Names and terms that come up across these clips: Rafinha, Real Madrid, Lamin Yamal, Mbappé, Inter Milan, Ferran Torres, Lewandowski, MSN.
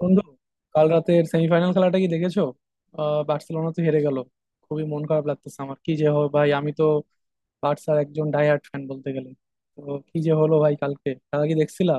বন্ধু, কাল রাতের সেমিফাইনাল খেলাটা কি দেখেছো? বার্সেলোনা তো হেরে গেল। খুবই মন খারাপ লাগতেছে। আমার কি যে হয় ভাই, আমি তো বার্সার একজন ডাইহার্ট ফ্যান বলতে গেলে। তো কি যে হলো ভাই? কালকে খেলা কি দেখছিলা?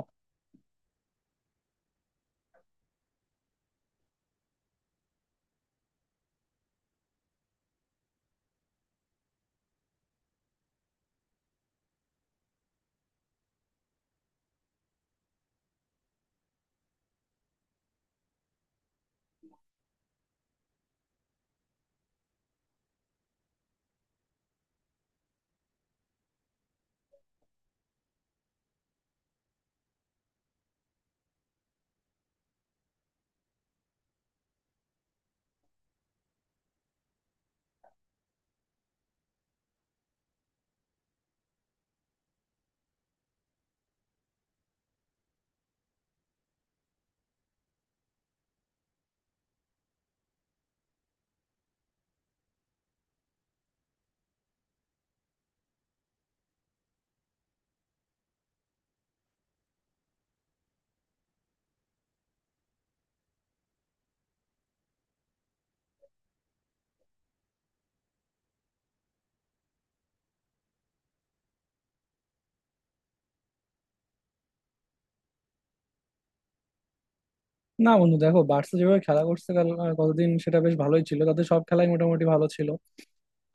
না বন্ধু, দেখো বার্সা যেভাবে খেলা করছে কাল গতদিন, সেটা বেশ ভালোই ছিল। তাদের সব খেলাই মোটামুটি ভালো ছিল।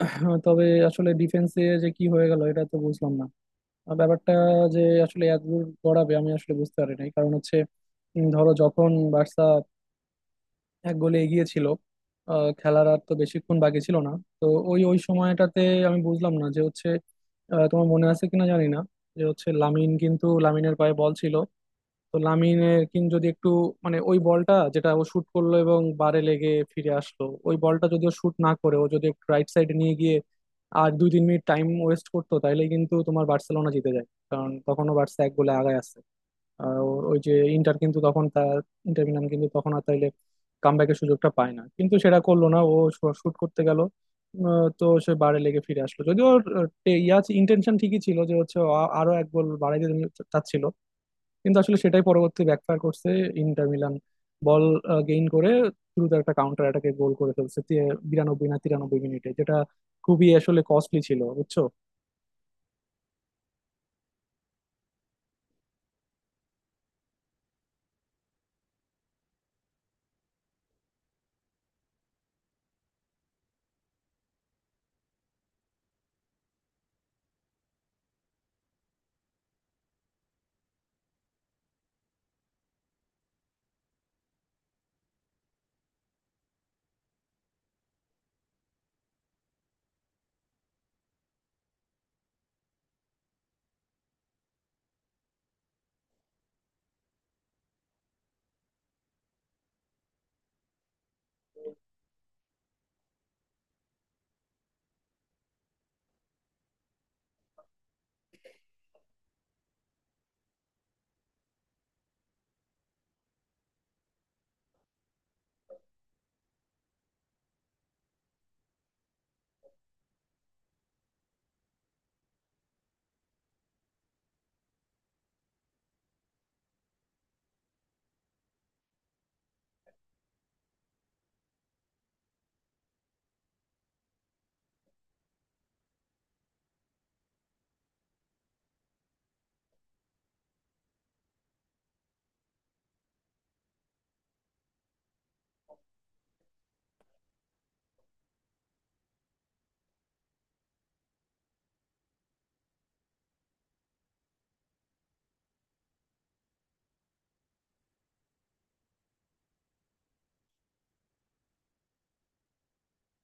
তবে আসলে ডিফেন্সে যে কি হয়ে গেল এটা তো বুঝলাম না। আর ব্যাপারটা যে আসলে এত দূর গড়াবে, আমি আসলে বুঝতে পারি নাই। কারণ হচ্ছে ধরো যখন বার্সা এক গোলে এগিয়ে ছিল, খেলার আর তো বেশিক্ষণ বাকি ছিল না। তো ওই ওই সময়টাতে আমি বুঝলাম না যে হচ্ছে, তোমার মনে আছে কিনা জানি না, যে হচ্ছে লামিন, কিন্তু লামিনের পায়ে বল ছিল। তো লামিনের কিন্তু যদি একটু, মানে ওই বলটা যেটা ও শুট করলো এবং বারে লেগে ফিরে আসলো, ওই বলটা যদি ও শুট না করে, ও যদি একটু রাইট সাইডে নিয়ে গিয়ে আর 2-3 মিনিট টাইম ওয়েস্ট করতো, তাহলে কিন্তু তোমার বার্সেলোনা জিতে যায়, কারণ তখনও বার্সা এক গোলে আগায় আছে। আহ, ওই যে ইন্টার কিন্তু তখন তার ইন্টার মিলান কিন্তু তখন আর তাইলে কামব্যাকের সুযোগটা পায় না, কিন্তু সেটা করলো না ও, শুট করতে গেল। তো সে বারে লেগে ফিরে আসলো, যদিও ওর আহ, টে- ইয়া ইন্টেনশন ঠিকই ছিল, যে হচ্ছে ও আরো এক গোল বাড়াইতে তিনি চাচ্ছিল। কিন্তু আসলে সেটাই পরবর্তী ব্যাকফায়ার করছে। ইন্টার মিলান বল গেইন করে দ্রুত একটা কাউন্টার অ্যাটাকে গোল করে ফেলছে 92 না 93 মিনিটে, যেটা খুবই আসলে কস্টলি ছিল, বুঝছো?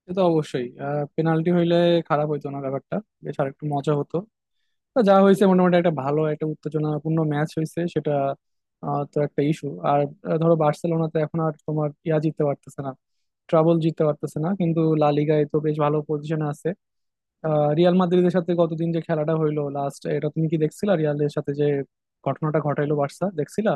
সে তো অবশ্যই। পেনাল্টি হইলে খারাপ হইতো না ব্যাপারটা, বেশ আরেকটু মজা হতো। তো যা হয়েছে, মোটামুটি একটা ভালো একটা উত্তেজনাপূর্ণ ম্যাচ হয়েছে সেটা। তো একটা ইস্যু আর, ধরো বার্সেলোনা তো এখন আর তোমার জিততে পারতেছে না, ট্রাবল জিততে পারতেছে না, কিন্তু লা লিগায় তো বেশ ভালো পজিশনে আছে। রিয়াল মাদ্রিদের সাথে গতদিন যে খেলাটা হইলো লাস্ট, এটা তুমি কি দেখছিলা? রিয়ালের সাথে যে ঘটনাটা ঘটাইলো বার্সা, দেখছিলা?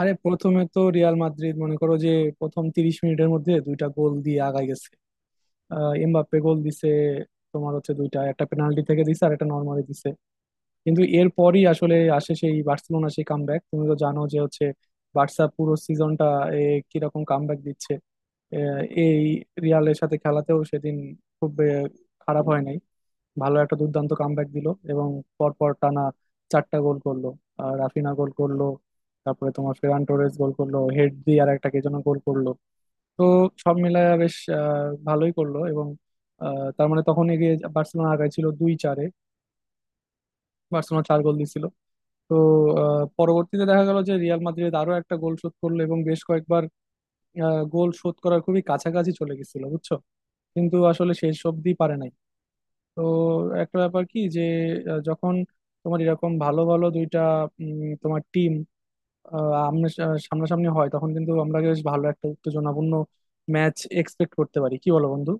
আরে প্রথমে তো রিয়াল মাদ্রিদ, মনে করো যে, প্রথম 30 মিনিটের মধ্যে 2টা গোল দিয়ে আগায় গেছে। এমবাপ্পে গোল দিছে তোমার, হচ্ছে দুইটা, একটা পেনাল্টি থেকে দিছে আর একটা নর্মালি দিছে। কিন্তু এরপরই আসলে আসে সেই বার্সেলোনা, সেই কামব্যাক। তুমি তো জানো যে হচ্ছে বার্সা পুরো সিজনটা কিরকম কামব্যাক দিচ্ছে। এই রিয়ালের সাথে খেলাতেও সেদিন খুব খারাপ হয় নাই, ভালো একটা দুর্দান্ত কামব্যাক দিল এবং পরপর টানা 4টা গোল করলো। আর রাফিনা গোল করলো, তারপরে তোমার ফেরান টোরেস গোল করলো হেড দিয়ে, আর একটা কে যেন গোল করলো। তো সব মিলায় বেশ ভালোই করলো, এবং তার মানে তখন এগিয়ে বার্সেলোনা আগায় ছিল দুই চারে, বার্সেলোনা 4 গোল দিছিল। তো পরবর্তীতে দেখা গেল যে রিয়াল মাদ্রিদ আরো একটা গোল শোধ করলো এবং বেশ কয়েকবার গোল শোধ করার খুবই কাছাকাছি চলে গেছিল, বুঝছো, কিন্তু আসলে শেষ অবধি পারে নাই। তো একটা ব্যাপার কি যে, যখন তোমার এরকম ভালো ভালো দুইটা তোমার টিম, আমরা সামনাসামনি হয়, তখন কিন্তু আমরা বেশ ভালো একটা উত্তেজনাপূর্ণ ম্যাচ এক্সপেক্ট করতে পারি, কি বলো বন্ধু?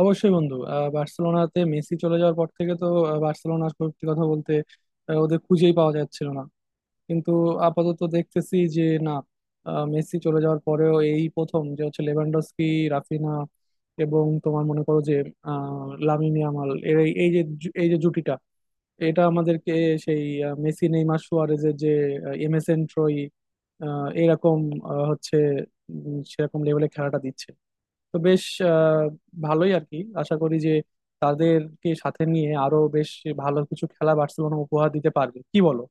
অবশ্যই বন্ধু। বার্সেলোনাতে মেসি চলে যাওয়ার পর থেকে তো বার্সেলোনা, সত্যি কথা বলতে ওদের খুঁজেই পাওয়া যাচ্ছিল না। কিন্তু আপাতত দেখতেছি যে না, মেসি চলে যাওয়ার পরেও এই প্রথম যে হচ্ছে লেভানডস্কি, রাফিনা এবং তোমার মনে করো যে লামিন ইয়ামাল এর এই এই যে জু- এই যে জুটিটা, এটা আমাদেরকে সেই মেসি নেইমার সুয়ারেজের যে এমএসএন ট্রয়ি, আহ, এরকম আহ, হচ্ছে উম, সেরকম লেভেলে খেলাটা দিচ্ছে। তো বেশ আহ, ভালোই আর কি। আশা করি যে তাদেরকে সাথে নিয়ে আরো বেশ ভালো কিছু খেলা বার্সেলোনা উপহার দিতে পারবে, কি বলো?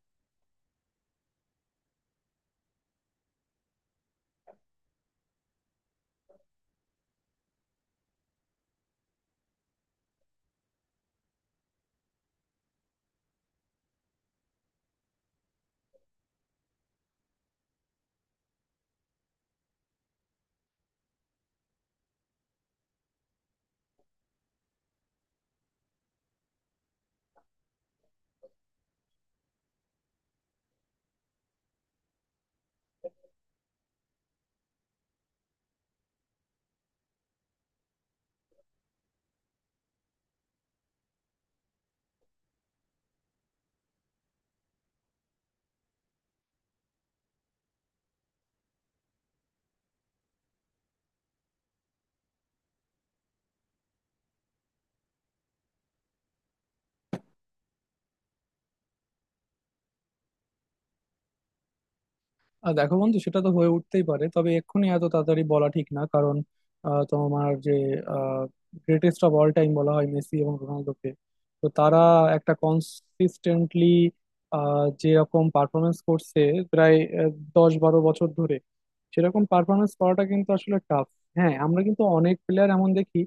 দেখো বন্ধু, সেটা তো হয়ে উঠতেই পারে, তবে এক্ষুনি এত তাড়াতাড়ি বলা ঠিক না। কারণ তোমার যে গ্রেটেস্ট অফ অল টাইম বলা হয় মেসি এবং রোনালদোকে, তো তারা একটা কনসিস্টেন্টলি যেরকম পারফরমেন্স করছে প্রায় 10-12 বছর ধরে, সেরকম পারফরমেন্স করাটা কিন্তু আসলে টাফ। হ্যাঁ, আমরা কিন্তু অনেক প্লেয়ার এমন দেখি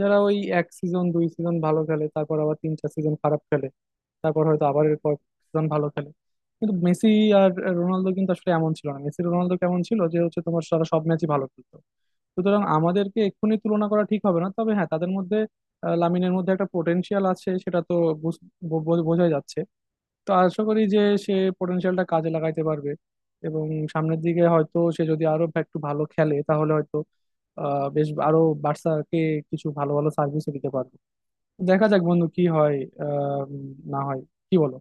যারা ওই এক সিজন দুই সিজন ভালো খেলে, তারপর আবার তিন চার সিজন খারাপ খেলে, তারপর হয়তো আবার এরপর সিজন ভালো খেলে। কিন্তু মেসি আর রোনালদো কিন্তু আসলে এমন ছিল না। মেসি রোনালদো কেমন ছিল যে হচ্ছে তোমার, তারা সব ম্যাচই ভালো খেলতো। সুতরাং আমাদেরকে এক্ষুনি তুলনা করা ঠিক হবে না, তবে হ্যাঁ তাদের মধ্যে, লামিনের মধ্যে একটা পোটেনশিয়াল আছে সেটা তো বুঝ- বো- বো- বোঝাই যাচ্ছে। তো আশা করি যে সে পোটেনশিয়ালটা কাজে লাগাইতে পারবে এবং সামনের দিকে হয়তো সে যদি আরো একটু ভালো খেলে, তাহলে হয়তো বেশ আরো বার্সাকে কিছু ভালো ভালো সার্ভিসও দিতে পারবে। দেখা যাক বন্ধু কি হয় আহ উম, না হয়, কি বলো?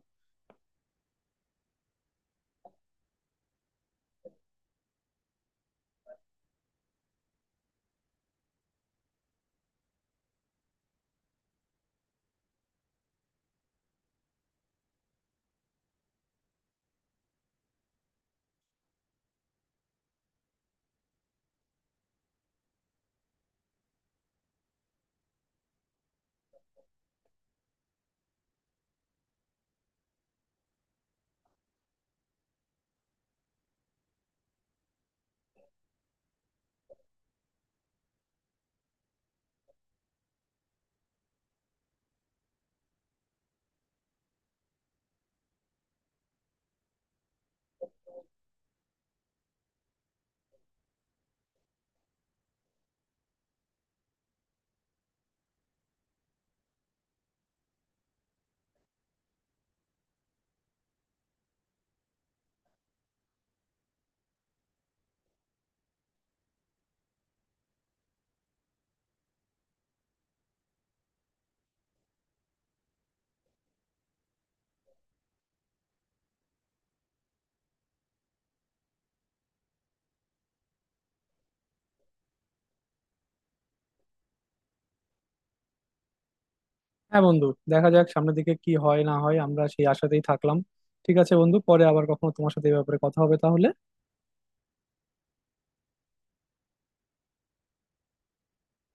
হ্যাঁ বন্ধু, দেখা যাক সামনের দিকে কি হয় না হয়, আমরা সেই আশাতেই থাকলাম। ঠিক আছে বন্ধু, পরে আবার কখনো তোমার সাথে এই ব্যাপারে কথা হবে তাহলে।